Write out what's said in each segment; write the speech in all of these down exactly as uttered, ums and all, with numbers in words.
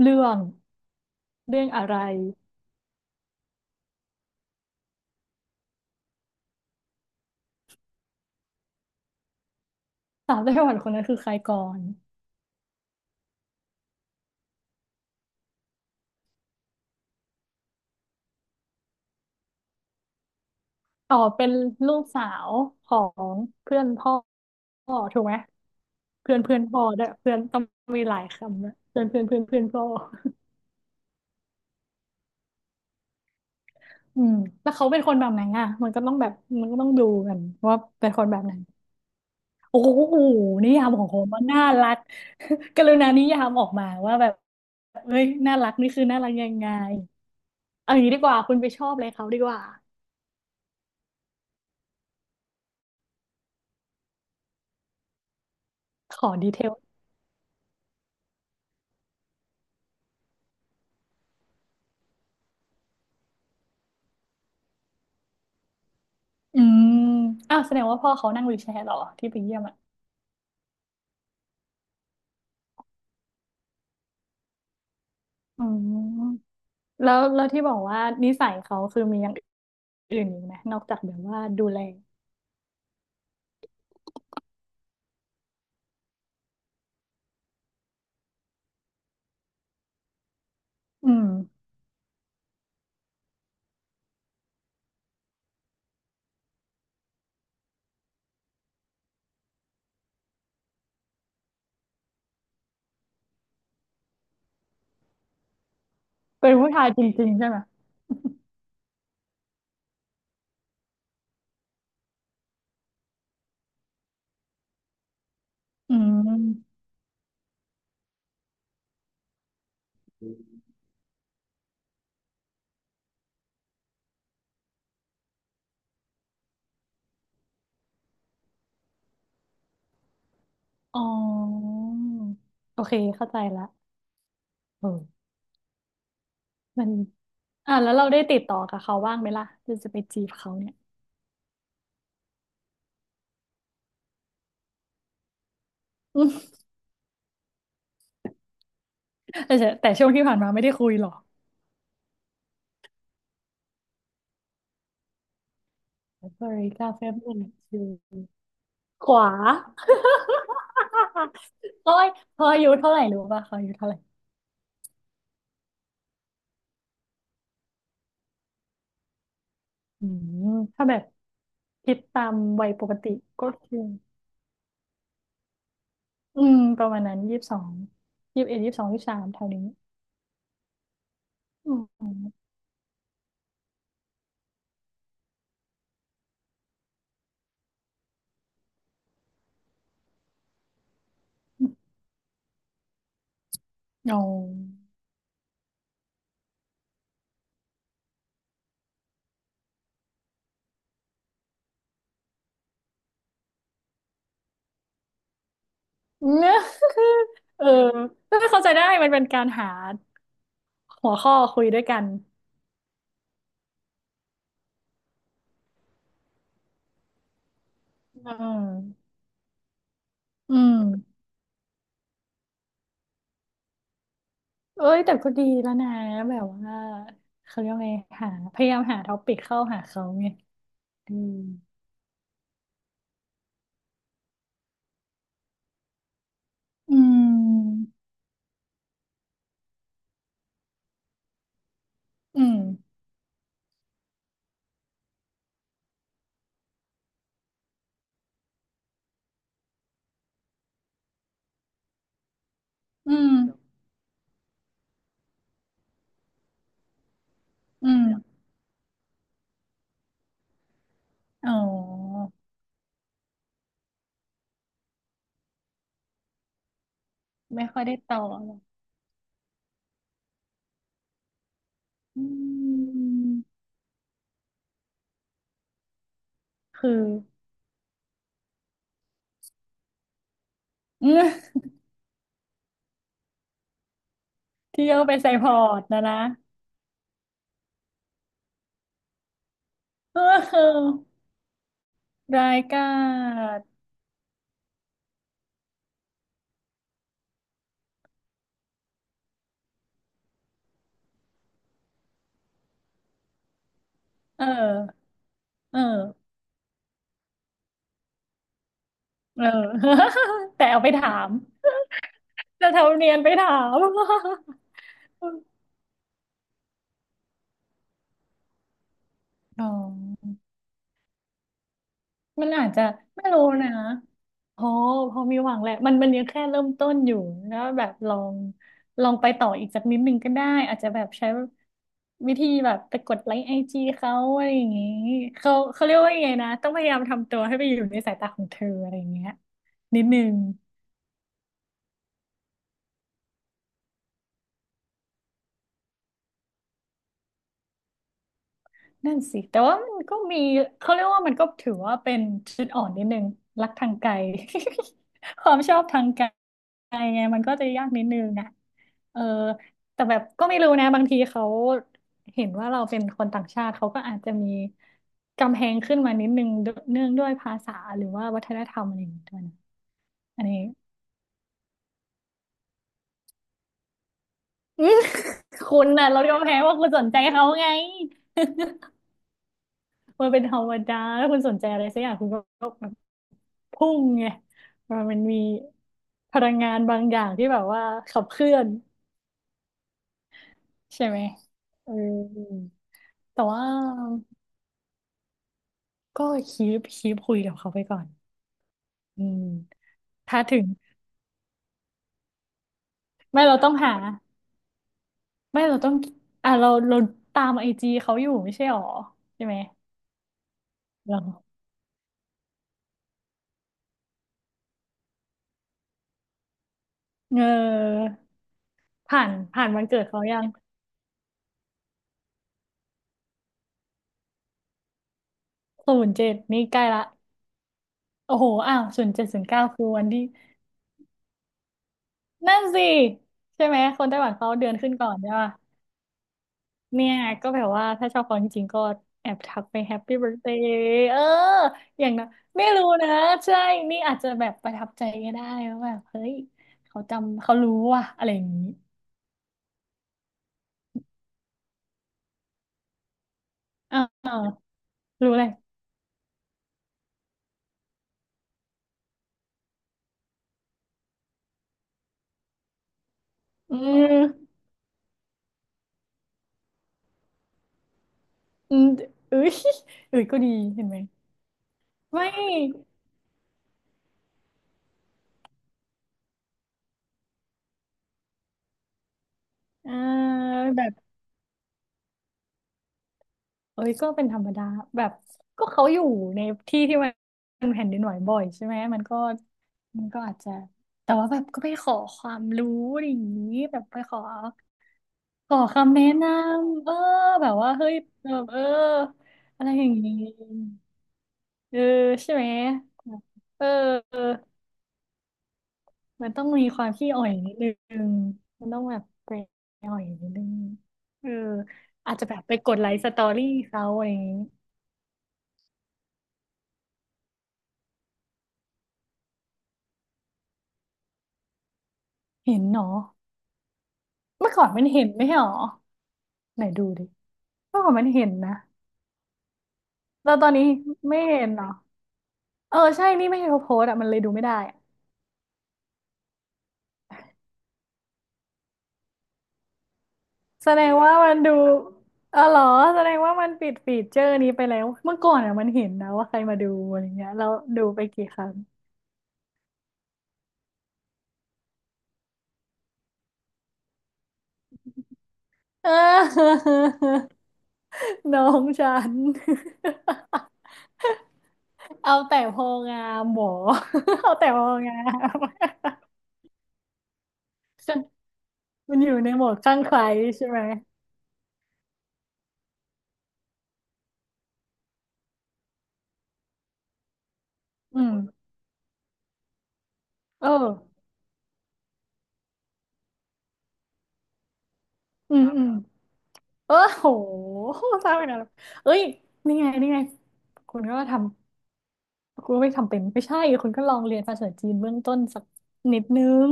เรื่องเรื่องอะไรสาวไต้หวันคนนั้นคือใครก่อนอ๋อเป็นลูกสาวของเพื่อนพ่อพ่อถูกไหมเพื่อนเพื่อนพ่อด้วยเพื่อนต้องมีหลายคำนะเพื่อนเพื่อนเพื่อนเพื่อนพ่ออืมแล้วเขาเป็นคนแบบไหนอ่ะมันก็ต้องแบบมันก็ต้องดูกันว่าเป็นคนแบบไหนโอ้โหนิยามของผมมันน่ารัก กรุณานิยามออกมาว่าแบบเฮ้ยน่ารักนี่คือน่ารักยังไงเอาอย่างนี้ดีกว่าคุณไปชอบอะไรเขาดีกว่าขอดีเทล อืม อ้าวแสดงว่าพ่อเขานั่งวีลแชร์เหรอที่ไปเยี่ยมอ่ะ อืมแล้วแล้วที่บอกว่านิสัยเขาคือมีอย่างอื่นอีกไหมนอกจากแบบว่าดูแลอืม เป็นผู้ชายจริงๆใช่ไหม อืมอ๋อโอเคเข้าใจละเออมันอ่ะแล้วเราได้ติดต่อกับเขาบ้างไหมล่ะจะจะไปจีบเขาเนี่ย แต่จะแต่ช่วงที่ผ่านมาไม่ได้คุยหรอกบร o การแฟนเพจขวา โอ้ยพออายุเท่าไหร่รู้ป่ะพออายุเท่าไหร่อืมถ้าแบบคิดตามวัยปกติก็คืออืมประมาณนั้นยี่สิบสองยี่สิบเอ็ดยี่สิบสองยี่สิบสามแถวนี้อืมโอ้เนี่ย เออไมเข้าใจได้มันเป็นการหาหัวข้อคุยด้วยกันอืมอืมเอ้ยแต่ก็ดีแล้วนะแบบว่าเขาเรียกว่าไงหาพยายามหาท็อปิกเข้าหาเขาไงอืมอืมอืมอืม อืม อ๋อ ไม่ค่อยได้ต่อหรอกอืมคือเอืม เที่ยวไปใส่พอร์ตนะนะ เออรายการเออ เออ เออ แต่เอาไปถาม จะทำเนียนไปถาม อ๋อ มันอาจจะไม่รู้นะพอพอมีหวังแหละมันมันยังแค่เริ่มต้นอยู่แล้วแบบลองลองไปต่ออีกสักนิดนึงก็ได้อาจจะแบบใช้วิธีแบบไปกดไลค์ไอจีเขาอะไรอย่างงี้เขาเขาเรียกว่ายังไงนะต้องพยายามทำตัวให้ไปอยู่ในสายตาของเธออะไรอย่างเงี้ยนิดนึง นั่นสิแต่ว่ามันก็มีเขาเรียกว่ามันก็ถือว่าเป็นจุดอ่อนนิดนึงรักทางไกล ความชอบทางไกลไงมันก็จะยากนิดนึงนะเออแต่แบบก็ไม่รู้นะบางทีเขาเห็นว่าเราเป็นคนต่างชาติเขาก็อาจจะมีกำแพงขึ้นมานิดนึงวเนื่องด้วยภาษาหรือว่าวัฒนธรรมอะไรอย่างเงี้ยด้วยนะอันนี้ อืม คุณน่ะเรากำแพงว่าคุณสนใจเขาไง มันเป็นธรรมดาถ้าคุณสนใจอะไรสักอย่างคุณก็ พุ่งไงมันมันมีพลังงานบางอย่างที่แบบว่าขับเคลื่อนใช่ไหมเออแต่ว่าก็คีปคีปคุยกับเขาไปก่อนอืมถ้าถึงไม่เราต้องหาไม่เราต้องอ่ะเราเราตามไอจีเขาอยู่ไม่ใช่หรอใช่ไหมเหราเออผ่านผ่านวันเกิดเขายังศูนย์เจ็ดนี่ใกล้ละโอ้โหอ้าวศูนย์เจ็ดศูนย์เก้าคือวันที่นั่นสิใช่ไหมคนไต้หวันเขาเดือนขึ้นก่อนใช่ป่ะ เนี่ยก็แบบว่าถ้าชอบเขาจริงๆก็แอบทักไปแฮปปี้เบิร์ a เดย์เอออย่างนะไม่รู้นะใช่นี่อาจจะแบบประทับใจก็ได้ว่าแบบเฮ้ยเขาจำเขารู้ว่ะอะไรอย่างนี้อ่ารู้เลยอืมอืมเอ้ยเอ้ยก็ดีเห็นไหมไม่เออแบบ เอ้ยก็เป็นธรรมดาแบบก็เขาอยู่ในที่ที่มันแผ่นดินไหวบ่อยใช่ไหมมันก็มันก็อาจจะแต่ว่าแบบก็ไปขอความรู้อะไรอย่างนี้แบบไปขอขอคำแนะนำเออแบบว่าเฮ้ยแบบเอออะไรอย่างนี้เออใช่ไหมแบบเออมันต้องมีความขี้อ่อยนิดนึงมันต้องแบบไปอ่อยนิดนึงเอออาจจะแบบไปกดไลค์สตอรี่เขาอะไรอย่างนี้เห็นเนาะ เมื่อก่อนมันเห็นไม่ใช่หรอไหนดูดิเมื่อก่อนมันเห็นนะแล้วตอนนี้ไม่เห็นเหรอเออใช่นี่ไม่เห็นเขาโพสต์อะมันเลยดูไม่ได้อะแสดงว่ามันดูเออเหรอแสดงว่ามันปิดฟีเจอร์นี้ไปแล้วเมื่อก่อนอะมันเห็นนะว่าใครมาดูอะไรเงี้ยแล้วดูไปกี่ครั้ง เออ น้องฉัน เอาแต่พองามหมอ เอาแต่พองาม มันอยู่ในโหมดข้างใครใช่ไหมอืมเอออืมอืม เออโห สร้างไปนานแล้วเอ้ย นี่ไงนี่ไง คุณก็ทำ คุณก็ไม่ทำเป็นไม่ใช่ คุณก็ลองเรียนภาษาจีนเบื้องต้นสักนิดนึง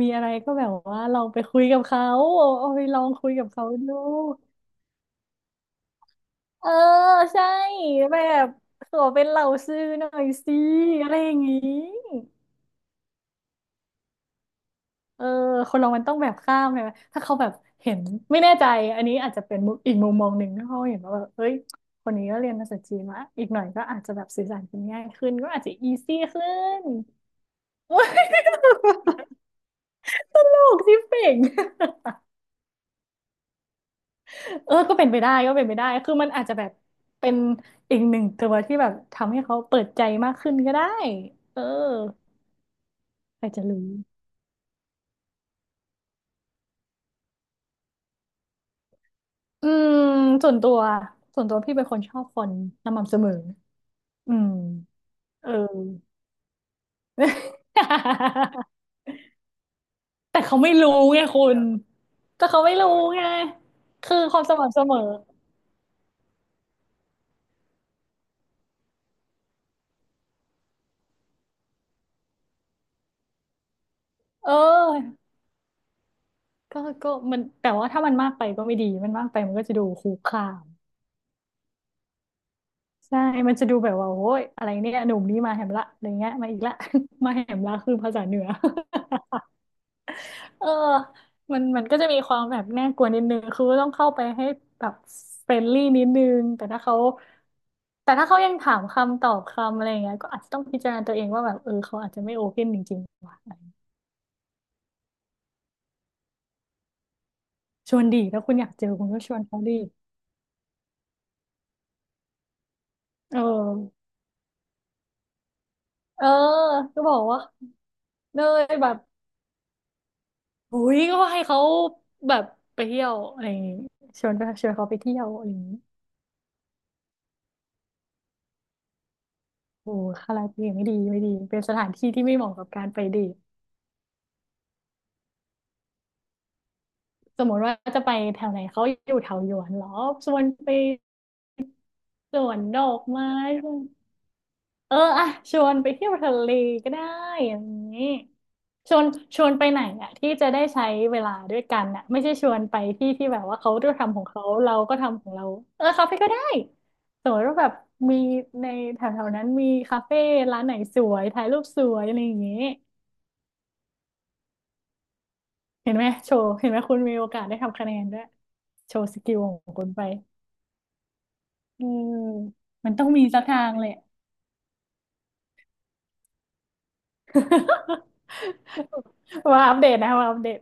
มีอะไรก็แบบว่าเราไปคุยกับเขา เอาเอาไปลองคุยกับเขาดูเออใช่แบบขอเป็นเหล่าซื้อหน่อยสิอะไรอย่างงี้ เออคนเรามันต้องแบบข้ามไงถ้าเขาแบบเห็นไม่แน่ใจอันนี้อาจจะเป็นมุมอีกมุมมองหนึ่งถ้าเขาเห็นว่าแบบเฮ้ยคนนี้ก็เรียนภาษาจีนมาอีกหน่อยก็อาจจะแบบสื่อสารกันง่ายขึ้นก็อาจจะอีซี่ขึ้น โอ๊ยตลกที่เป่ง เออก็เป็นไปได้ก็เป็นไปได้คือมันอาจจะแบบเป็นอีกหนึ่งตัวที่แบบทำให้เขาเปิดใจมากขึ้นก็ได้เออใครจะรู้อืมส่วนตัวส่วนตัวพี่เป็นคนชอบคนสม่ำเสมออืม เออ แต่เขาไม่รู้ไงคุณก็เขาไม่รู้ไงคือความสม่ำเสมอ เออก็ก็มันแต่ว่าถ้ามันมากไปก็ไม่ดี มันมากไปมันก็จะดูคุกคามใช่มันจะดูแบบว่าโอ้ยอะไรเนี่ยหนุ่มนี่มาแหมละอะไรเงี้ยมาอีกละ มาแหมละคือภาษาเหนือ เออมันมันก็จะมีความแบบน่ากลัวนิดนึง คือต้องเข้าไปให้แบบเฟรนลี่นิดนึง แต่ถ้าเขา แต่ถ้าเขายังถามคำตอบคำอะไรอย่างเงี้ยก็อาจจะต้องพิจารณาตัวเองว่าแบบเออเขาอาจจะไม่โอเพนจริงๆว่ะชวนดีถ้าคุณอยากเจอคุณก็ชวนเขาดีเออ เออ ก็บอกว่าเลยแบบอุ้ยก็ให้เขาแบบไปเที่ยวอะไรอย่างงี้ชวนไปชวนเขาไปเที่ยวอะไรอย่างงี้โอ้คาราโอเกะไม่ดีไม่ดีเป็นสถานที่ที่ไม่เหมาะกับการไปเดท สมมติว่าจะไปแถวไหนเขาอยู่แถวหยวนเหรอชวนไปสวนดอกไม้ชวนเอออะชวนไปเที่ยวทะเลก็ได้อย่างนี้ชวนชวนไปไหนอะที่จะได้ใช้เวลาด้วยกันอะไม่ใช่ชวนไปที่ที่แบบว่าเขาก็ทำของเขาเราก็ทำของเราเออคาเฟ่ก็ได้สมมติว่าแบบมีในแถวๆนั้นมีคาเฟ่ร้านไหนสวยถ่ายรูปสวยอะไรอย่างนี้เห็นไหมโชว์เห็นไหมคุณมีโอกาสได้ทำคะแนนด้วยโชว์สกิลของคุณไป เอืมมันต้องมีสักทางเลย มาอัปเดตนะมาอัปเดต